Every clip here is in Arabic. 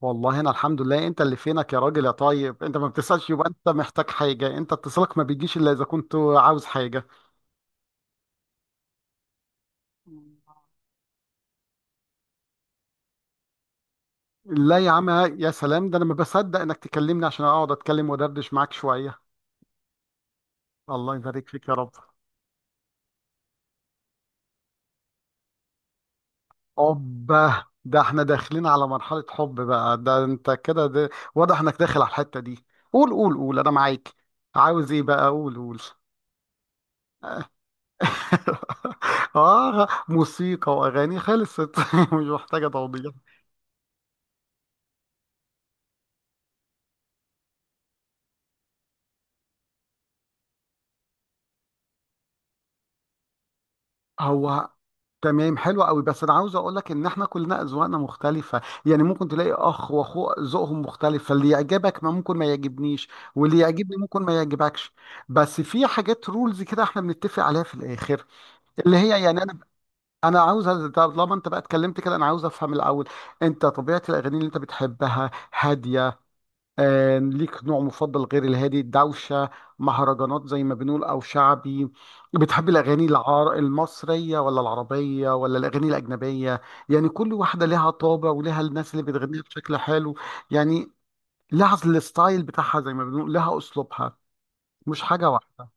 والله انا الحمد لله، انت اللي فينك يا راجل يا طيب، انت ما بتسألش، يبقى انت محتاج حاجة، انت اتصالك ما بيجيش الا اذا كنت عاوز حاجة. لا يا عم، يا سلام، ده انا ما بصدق انك تكلمني عشان اقعد اتكلم ودردش معاك شوية. الله يبارك فيك يا رب. اوبا، ده احنا داخلين على مرحلة حب بقى، ده انت كده، ده واضح انك داخل على الحتة دي. قول قول قول انا معاك. عاوز ايه بقى؟ قول قول. اه، موسيقى واغاني خلصت. مش محتاجة توضيح. هو تمام حلو قوي، بس انا عاوز اقول لك ان احنا كلنا اذواقنا مختلفه، يعني ممكن تلاقي اخ واخوه ذوقهم مختلف، فاللي يعجبك ما ممكن ما يعجبنيش، واللي يعجبني ممكن ما يعجبكش. بس في حاجات رولز كده احنا بنتفق عليها في الاخر، اللي هي يعني انا، انا عاوز طالما انت بقى اتكلمت كده انا عاوز افهم الاول، انت طبيعه الاغاني اللي انت بتحبها هاديه، ليك نوع مفضل غير الهادي؟ الدوشة، مهرجانات زي ما بنقول، أو شعبي. بتحب الأغاني المصرية ولا العربية ولا الأغاني الأجنبية؟ يعني كل واحدة لها طابع ولها الناس اللي بتغنيها بشكل حلو، يعني لها الستايل بتاعها، زي ما بنقول لها أسلوبها، مش حاجة واحدة.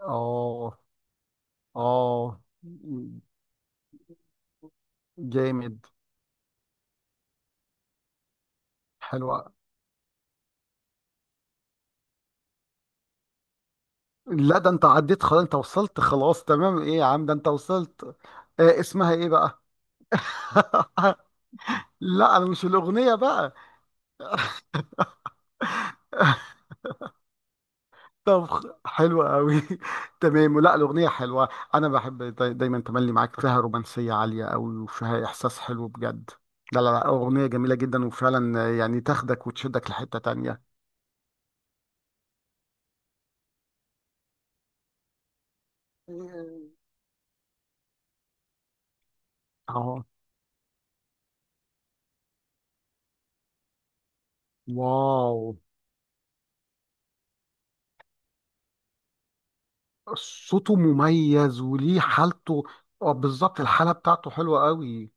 آه، آه، جامد، حلوة. لا ده أنت عديت خلاص، أنت وصلت خلاص تمام، إيه يا عم، ده أنت وصلت. آه، اسمها إيه بقى؟ لا انا مش الاغنيه بقى. طب حلوه قوي، تمام، ولا الاغنيه حلوه، انا بحب دايما تملي معاك، فيها رومانسيه عاليه قوي وفيها احساس حلو بجد. لا لا لا، اغنيه جميله جدا، وفعلا يعني تاخدك وتشدك لحته تانية. اه، واو، صوته مميز وليه حالته. اه بالظبط، الحاله بتاعته حلوه قوي.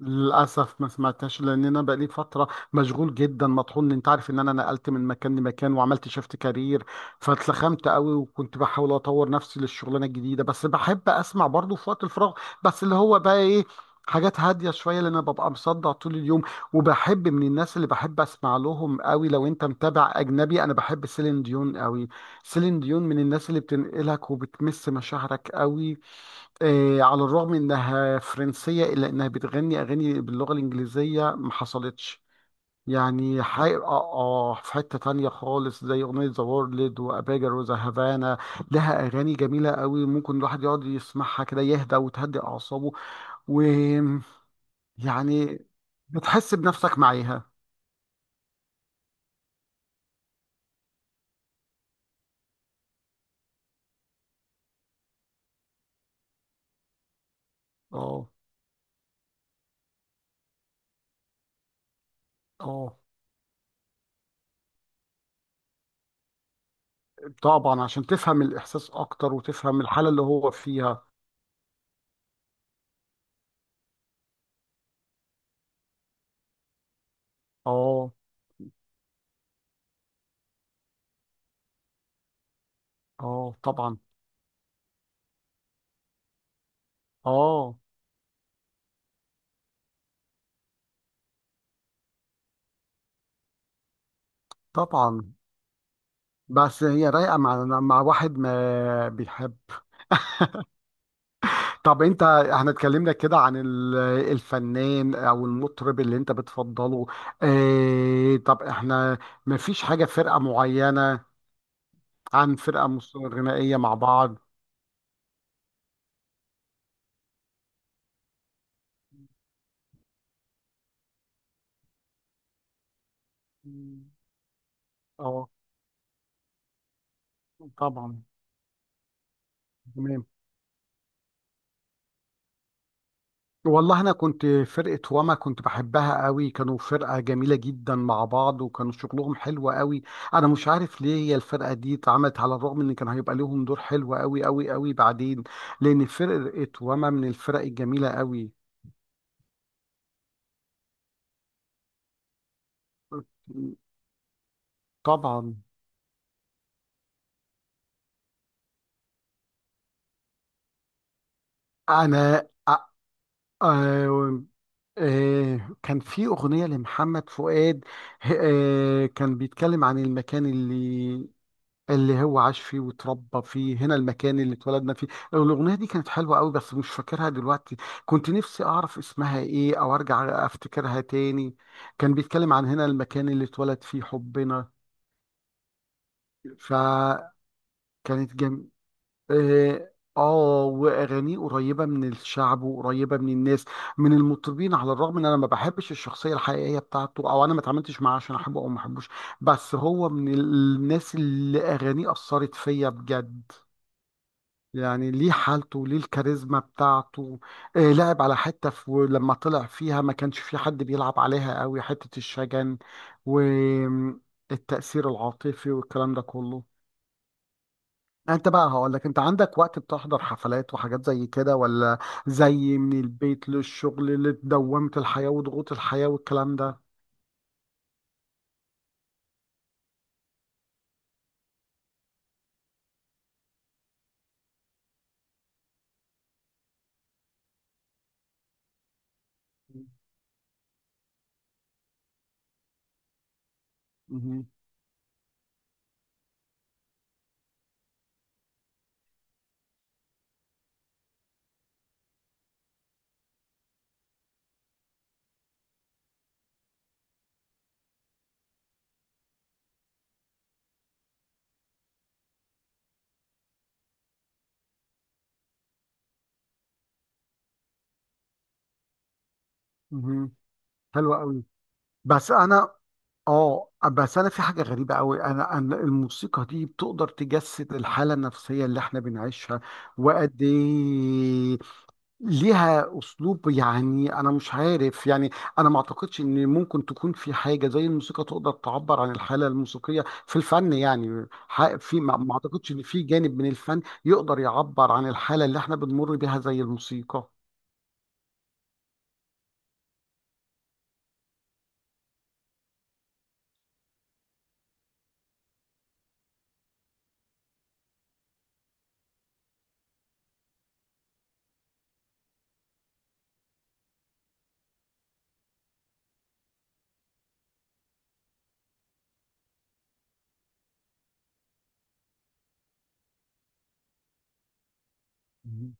للأسف ما سمعتهاش لأن أنا بقالي فترة مشغول جدا مطحون، أنت عارف إن أنا نقلت من مكان لمكان وعملت شيفت كارير، فاتلخمت قوي، وكنت بحاول أطور نفسي للشغلانة الجديدة، بس بحب أسمع برضه في وقت الفراغ. بس اللي هو بقى إيه، حاجات هادية شوية، لأن أنا ببقى مصدع طول اليوم. وبحب من الناس اللي بحب أسمع لهم قوي، لو أنت متابع أجنبي، أنا بحب سيلين ديون قوي، سيلين ديون من الناس اللي بتنقلك وبتمس مشاعرك قوي. على الرغم انها فرنسيه الا انها بتغني اغاني باللغه الانجليزيه، ما حصلتش يعني اه اه، في حته تانية خالص زي اغنيه ذا وورلد واباجر وذا هافانا، لها اغاني جميله قوي، ممكن الواحد يقعد يسمعها كده يهدى وتهدي اعصابه، ويعني بتحس بنفسك معاها. اه اه، طبعا عشان تفهم الاحساس اكتر وتفهم الحاله اللي هو فيها. اه اه، طبعا. اه طبعا. بس هي رايقة مع مع واحد ما بيحب. طب انت، احنا اتكلمنا كده عن الفنان او المطرب اللي انت بتفضله، اه طب احنا ما فيش حاجة فرقة معينة، عن فرقة غنائية مع بعض؟ اه طبعا، تمام. والله انا كنت فرقه واما كنت بحبها قوي، كانوا فرقه جميله جدا مع بعض وكانوا شغلهم حلو قوي. انا مش عارف ليه هي الفرقه دي اتعملت، على الرغم ان كان هيبقى لهم دور حلو قوي قوي قوي بعدين، لان فرقه واما من الفرق الجميله قوي. طبعا. انا آه، آه، كان في اغنيه لمحمد فؤاد، آه كان بيتكلم عن المكان اللي، اللي هو عاش فيه واتربى فيه، هنا المكان اللي اتولدنا فيه. الأغنية دي كانت حلوة قوي بس مش فاكرها دلوقتي، كنت نفسي أعرف اسمها إيه أو أرجع أفتكرها تاني. كان بيتكلم عن هنا المكان اللي اتولد فيه حبنا، فكانت جم، آه، آه، وأغانيه قريبة من الشعب وقريبة من الناس، من المطربين، على الرغم إن أنا ما بحبش الشخصية الحقيقية بتاعته، أو أنا ما اتعاملتش معاه عشان أحبه أو ما أحبوش، بس هو من الناس اللي أغانيه أثرت فيا بجد، يعني ليه حالته، ليه الكاريزما بتاعته. آه لعب على حتة في، لما طلع فيها ما كانش في حد بيلعب عليها قوي، حتة الشجن والتأثير العاطفي والكلام ده كله. انت بقى هقول لك، انت عندك وقت بتحضر حفلات وحاجات زي كده ولا زي من البيت للشغل لدوامة الحياة وضغوط الحياة والكلام ده؟ مهم. مهم. حلو قوي، بس انا، اه بس انا في حاجه غريبه قوي، انا، انا الموسيقى دي بتقدر تجسد الحاله النفسيه اللي احنا بنعيشها، وقد ايه ليها اسلوب، يعني انا مش عارف يعني، انا ما اعتقدش ان ممكن تكون في حاجه زي الموسيقى تقدر تعبر عن الحاله الموسيقيه في الفن، يعني في ما اعتقدش ان في جانب من الفن يقدر يعبر عن الحاله اللي احنا بنمر بيها زي الموسيقى. مم.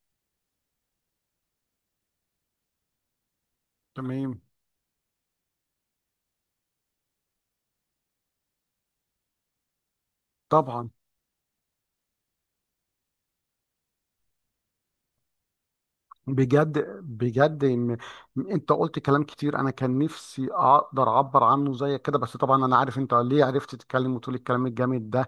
تمام. طبعا. بجد بجد، انت قلت كلام كتير انا كان نفسي اقدر اعبر عنه زيك كده، بس طبعا انا عارف انت ليه عرفت تتكلم وتقول الكلام الجامد ده.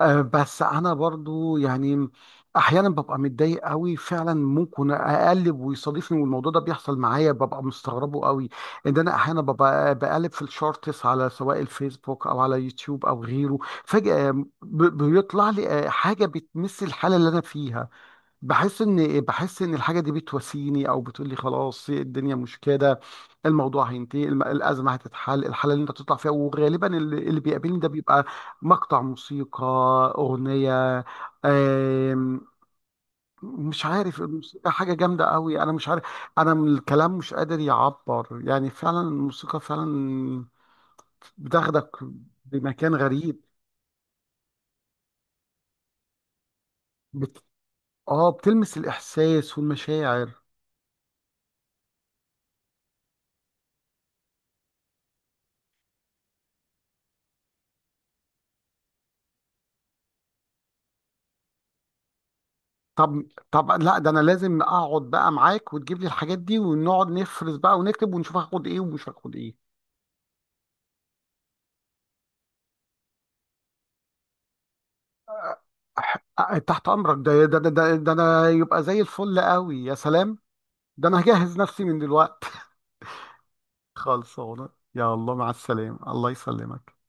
آه، بس انا برضو يعني احيانا ببقى متضايق قوي فعلا، ممكن اقلب ويصادفني، والموضوع ده بيحصل معايا، ببقى مستغربه قوي ان انا احيانا ببقى بقلب في الشورتس على سواء الفيسبوك او على يوتيوب او غيره، فجأة بيطلع لي، آه، حاجة بتمس الحالة اللي انا فيها، بحس ان، بحس ان الحاجه دي بتواسيني او بتقول لي خلاص الدنيا مش كده، الموضوع هينتهي، الازمه هتتحل، الحاله اللي انت بتطلع فيها، وغالبا اللي بيقابلني ده بيبقى مقطع موسيقى، اغنيه. آم، مش عارف، الموسيقى حاجه جامده قوي، انا مش عارف، انا من الكلام مش قادر يعبر، يعني فعلا الموسيقى فعلا بتاخدك بمكان غريب، بت... اه بتلمس الاحساس والمشاعر. طب، طب لا، ده انا لازم اقعد بقى معاك وتجيب لي الحاجات دي ونقعد نفرز بقى ونكتب ونشوف هاخد ايه ومش هاخد ايه. أه، تحت امرك، ده ده ده ده, ده انا يبقى زي الفل قوي، يا سلام، ده انا هجهز نفسي من دلوقتي. خلصانه. يا الله مع السلامه، الله يسلمك.